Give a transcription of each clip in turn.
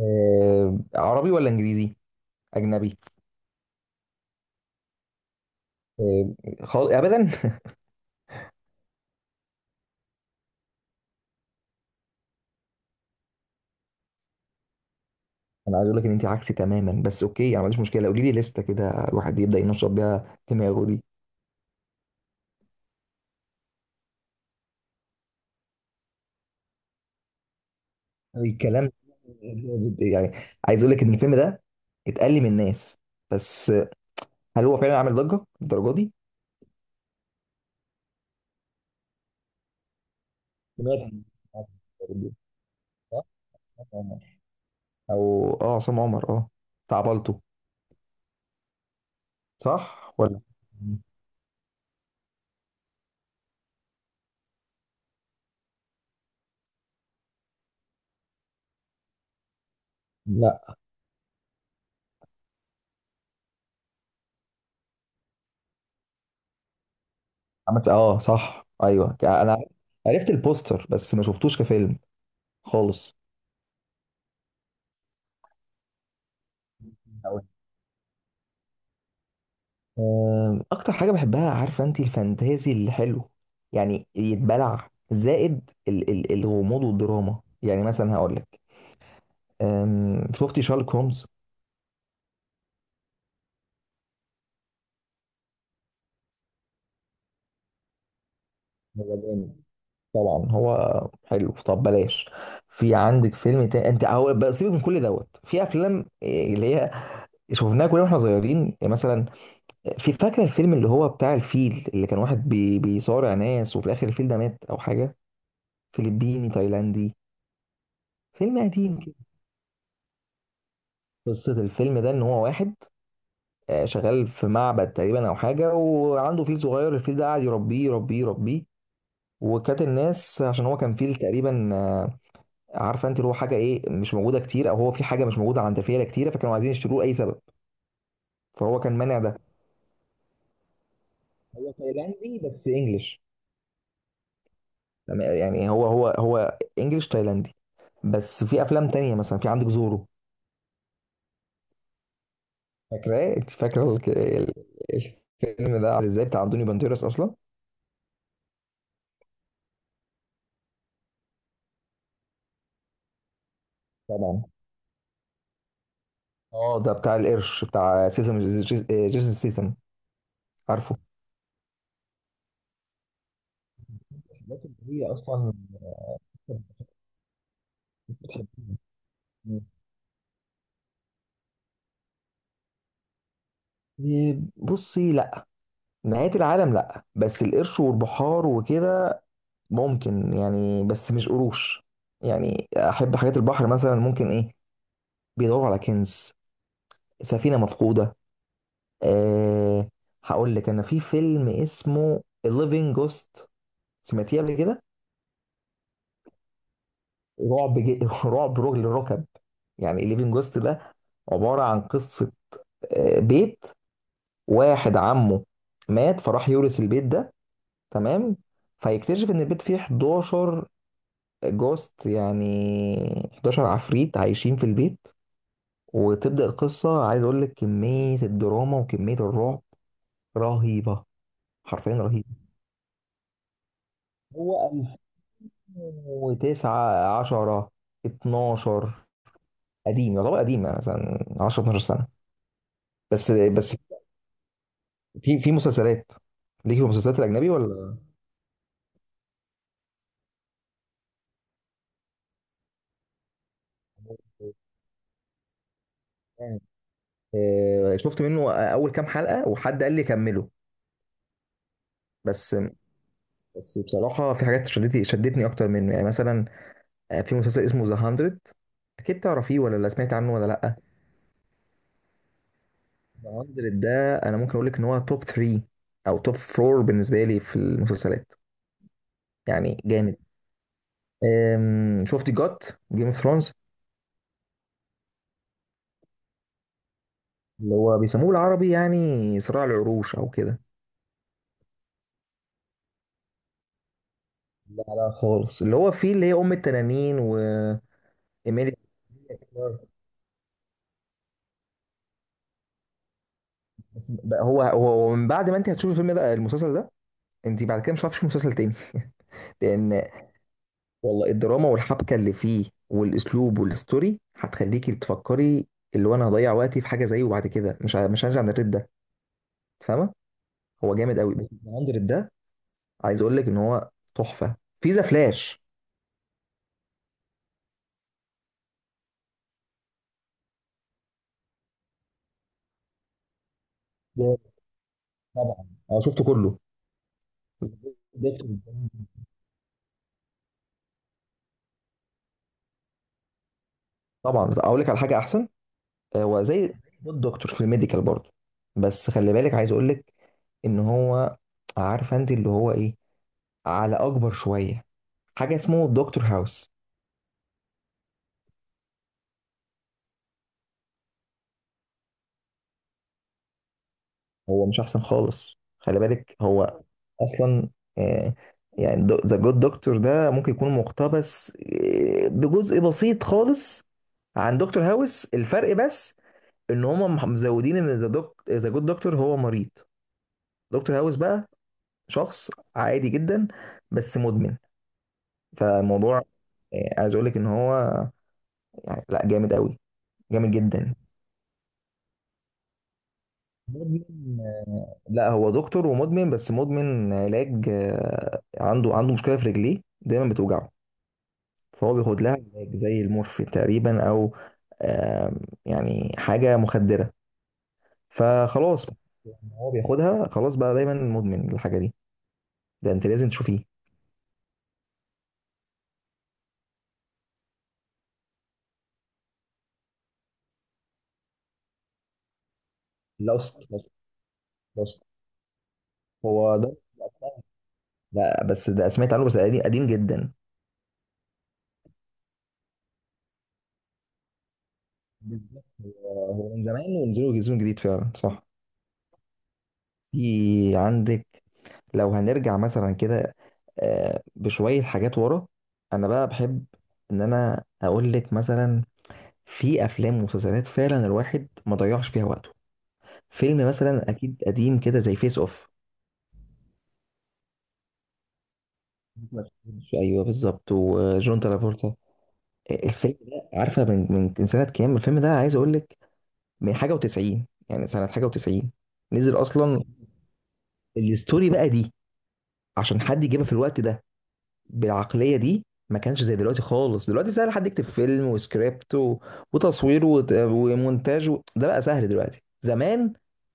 آه، عربي ولا انجليزي؟ اجنبي. آه، ابدا. انا عايز اقول لك ان انت عكسي تماما، بس اوكي، انا ما عنديش مشكله، قولي لي لسته كده الواحد يبدا ينشط بيها دماغه دي. الكلام، يعني عايز اقول لك ان الفيلم ده اتقل من الناس، بس هل هو فعلا عامل ضجه الدرجه دي؟ سمعت عن- صح؟ او اه، عصام عمر، اه بتاع بالطو، صح ولا لا؟ عملت اه، صح ايوه، انا عرفت البوستر بس ما شفتوش كفيلم خالص. أوي. اكتر حاجه بحبها، عارفه انت، الفانتازي اللي حلو، يعني يتبلع، زائد ال الغموض والدراما. يعني مثلا هقول لك، شفتي شارلوك هومز؟ هو جامد. طبعا هو حلو. طب بلاش. في عندك فيلم تاني، انت هو بقى سيبك من كل دوت، في افلام إيه، اللي هي شفناها كلنا واحنا صغيرين، يعني مثلا في فاكره الفيلم اللي هو بتاع الفيل، اللي كان واحد بي بيصارع ناس، وفي الاخر الفيل ده مات او حاجه. فلبيني تايلاندي. فيلم قديم كده. قصة الفيلم ده إن هو واحد شغال في معبد تقريبا أو حاجة، وعنده فيل صغير، الفيل ده قاعد يربيه يربيه يربيه. وكانت الناس، عشان هو كان فيل تقريبا، عارفة أنت اللي هو حاجة إيه مش موجودة كتير، أو هو في حاجة مش موجودة عند فيلة كتيرة، فكانوا عايزين يشتروه لأي سبب، فهو كان مانع ده. هو تايلاندي بس إنجلش. تمام، يعني هو إنجلش تايلاندي. بس في أفلام تانية، مثلا في عندك زورو، فاكراه أنت؟ فاكرة الفيلم ده عامل إزاي، بتاع أنطونيو بانتيرس أصلا؟ طبعا. اه، ده بتاع القرش، بتاع سيسم جيسون سيسم، عارفه؟ لكن هي اصلا بتحب. إيه، بصي، لا، نهاية العالم لا، بس القرش والبحار وكده ممكن، يعني بس مش قروش، يعني احب حاجات البحر، مثلا ممكن ايه، بيدوروا على كنز، سفينة مفقودة. أه، هقول لك، انا في فيلم اسمه Living Ghost، سمعتيه قبل كده؟ رعب جي... رعب رجل الركب، يعني Living Ghost ده عبارة عن قصة بيت، واحد عمه مات فراح يورث البيت ده، تمام، فيكتشف ان البيت فيه 11 جوست، يعني 11 عفريت عايشين في البيت، وتبدأ القصة. عايز اقول لك، كمية الدراما وكمية الرعب رهيبة، حرفيا رهيبة. هو 2009، 10، 12. قديم، يعتبر قديم، يعني مثلا 10، 12 سنة. بس بس في في مسلسلات، ليك في المسلسلات الأجنبي ولا؟ شفت منه اول كام حلقه، وحد قال لي كمله. بس بس، بصراحه في حاجات شدتني شدتني اكتر منه، يعني مثلا في مسلسل اسمه ذا 100، اكيد تعرفيه ولا لا، سمعت عنه ولا لا؟ ذا 100، ده انا ممكن اقول لك ان هو توب 3، او توب 4 بالنسبه لي في المسلسلات. يعني جامد. شفت جوت جيم اوف ثرونز؟ اللي هو بيسموه بالعربي، يعني صراع العروش او كده. لا لا خالص، اللي هو فيه اللي هي ام التنانين وايميلي. هو من بعد ما انت هتشوف الفيلم ده المسلسل ده، انت بعد كده مش هتعرفش مسلسل تاني. لان، والله الدراما والحبكه اللي فيه والاسلوب والستوري، هتخليكي تفكري اللي هو انا هضيع وقتي في حاجه زيه بعد كده، مش عايز عن الريد ده، فاهمه؟ هو جامد قوي، بس الهاندرد ده عايز اقول لك ان هو تحفه. في ذا فلاش. جامد. طبعا انا شفته كله. طبعا، بس اقول لك على حاجه احسن. هو زي الدكتور في الميديكال برضه، بس خلي بالك، عايز اقول لك ان هو، عارفه انت اللي هو ايه، على اكبر شويه، حاجه اسمه دكتور هاوس. هو مش احسن خالص، خلي بالك هو اصلا، آه، يعني ذا جود دكتور ده ممكن يكون مقتبس بجزء بسيط خالص عن دكتور هاوس. الفرق بس ان هم مزودين ان ذا دوك ذا جود دكتور هو مريض، دكتور هاوس بقى شخص عادي جدا، بس مدمن. فالموضوع عايز اقول لك ان هو، يعني لا، جامد قوي، جامد جدا. مدمن. لا، هو دكتور ومدمن، بس مدمن علاج. عنده مشكله في رجليه دايما بتوجعه، فهو بياخد لها علاج زي المورفين تقريبا، او آه، يعني حاجه مخدره فخلاص. يعني هو بياخدها خلاص، بقى دايما مدمن الحاجه دي، ده انت لازم تشوفيه. لوست، لوست، لوست، هو ده. لا، بس ده سمعت عنه، بس قديم قديم جدا. بالظبط، هو هو من زمان، ونزلوا جزء جديد فعلا، صح. في عندك، لو هنرجع مثلا كده بشوية حاجات ورا، أنا بقى بحب إن أنا أقول لك مثلا في أفلام ومسلسلات فعلا الواحد ما ضيعش فيها وقته، فيلم مثلا أكيد قديم كده زي فيس أوف، ما تفهمش. أيوه بالظبط، وجون ترافولتا. الفيلم ده، عارفة من من سنة كام الفيلم ده؟ عايز أقول لك، من حاجة و90، يعني سنة حاجة و90 نزل أصلا. الستوري بقى دي، عشان حد يجيبها في الوقت ده بالعقلية دي، ما كانش زي دلوقتي خالص. دلوقتي سهل حد يكتب فيلم وسكريبت و... وتصوير ومونتاج و...، ده بقى سهل دلوقتي. زمان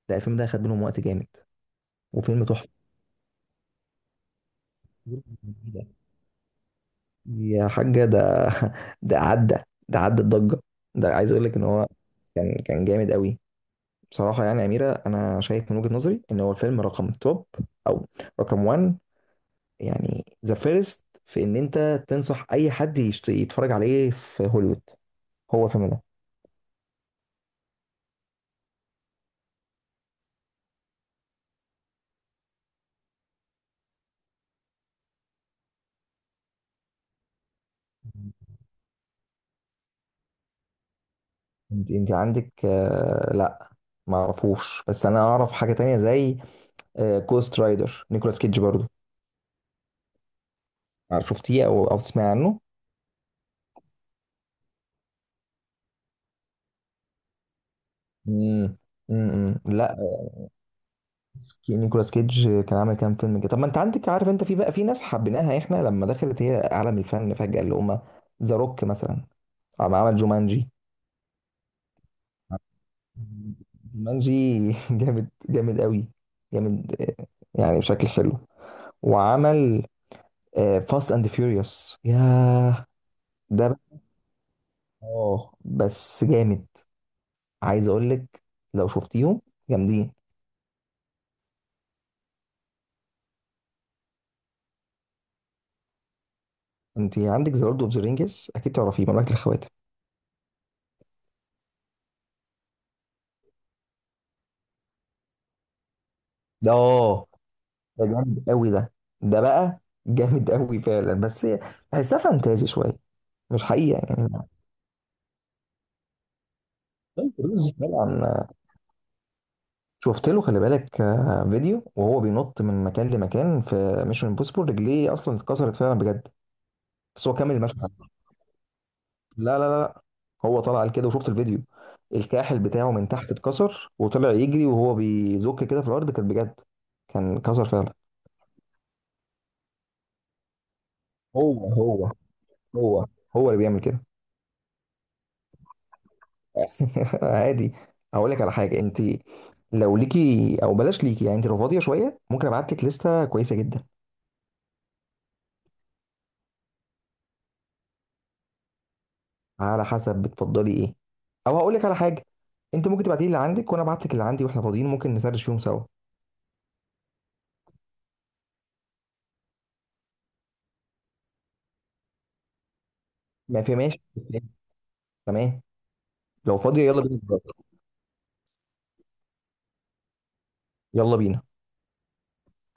لا، الفيلم ده خد منهم وقت جامد. وفيلم تحفة، يا حاجة ده. ده عدى، ده عدى الضجة، ده عايز اقول لك ان هو كان جامد قوي. بصراحة يعني يا أميرة، أنا شايف من وجهة نظري إن هو الفيلم رقم توب، أو رقم 1، يعني ذا فيرست في ان انت تنصح اي حد يتفرج عليه في هوليوود هو الفيلم ده. انت عندك، آه لا، ما اعرفوش، بس انا اعرف حاجه تانية زي آه، كوست رايدر، نيكولاس كيدج برضو. شفتيه او تسمع عنه؟ امم، امم، لا. نيكولاس كيدج كان عامل كام فيلم كده. طب ما انت عندك، عارف انت، في بقى في ناس حبيناها احنا لما دخلت هي عالم الفن فجاه، اللي هم ذا روك مثلا عمل جومانجي، مانجي. جامد، جامد قوي، جامد يعني، بشكل حلو. وعمل فاست اند فيوريوس، ياه ده بقى- اه بس جامد، عايز اقول لك لو شفتيهم جامدين. انت عندك ذا لورد اوف ذا رينجز، اكيد تعرفيه، مملكة الخواتم. ده اه، ده جامد قوي ده، ده بقى جامد قوي فعلا، بس بحسها فانتازي شويه، مش حقيقه يعني. طيب، رز طبعا. شفت له خلي بالك فيديو، وهو بينط من مكان لمكان في ميشن امبوسيبل، رجليه اصلا اتكسرت فعلا بجد، بس هو كمل المشهد. لا لا لا لا. هو طلع قال كده وشفت الفيديو، الكاحل بتاعه من تحت اتكسر، وطلع يجري وهو بيزك كده في الارض، كانت بجد كان كسر فعلا. هو هو هو هو اللي بيعمل كده. عادي. اقول لك على حاجه، انت لو ليكي او بلاش ليكي، يعني انت لو فاضيه شويه، ممكن ابعت لك لسته كويسه جدا، على حسب بتفضلي ايه، او هقول لك على حاجه، انت ممكن تبعتي لي اللي عندك، وانا ابعت لك اللي عندي، واحنا فاضيين ممكن نسرش فيهم سوا. ما في ماشي، تمام. لو فاضيه يلا بينا دلوقتي، يلا بينا.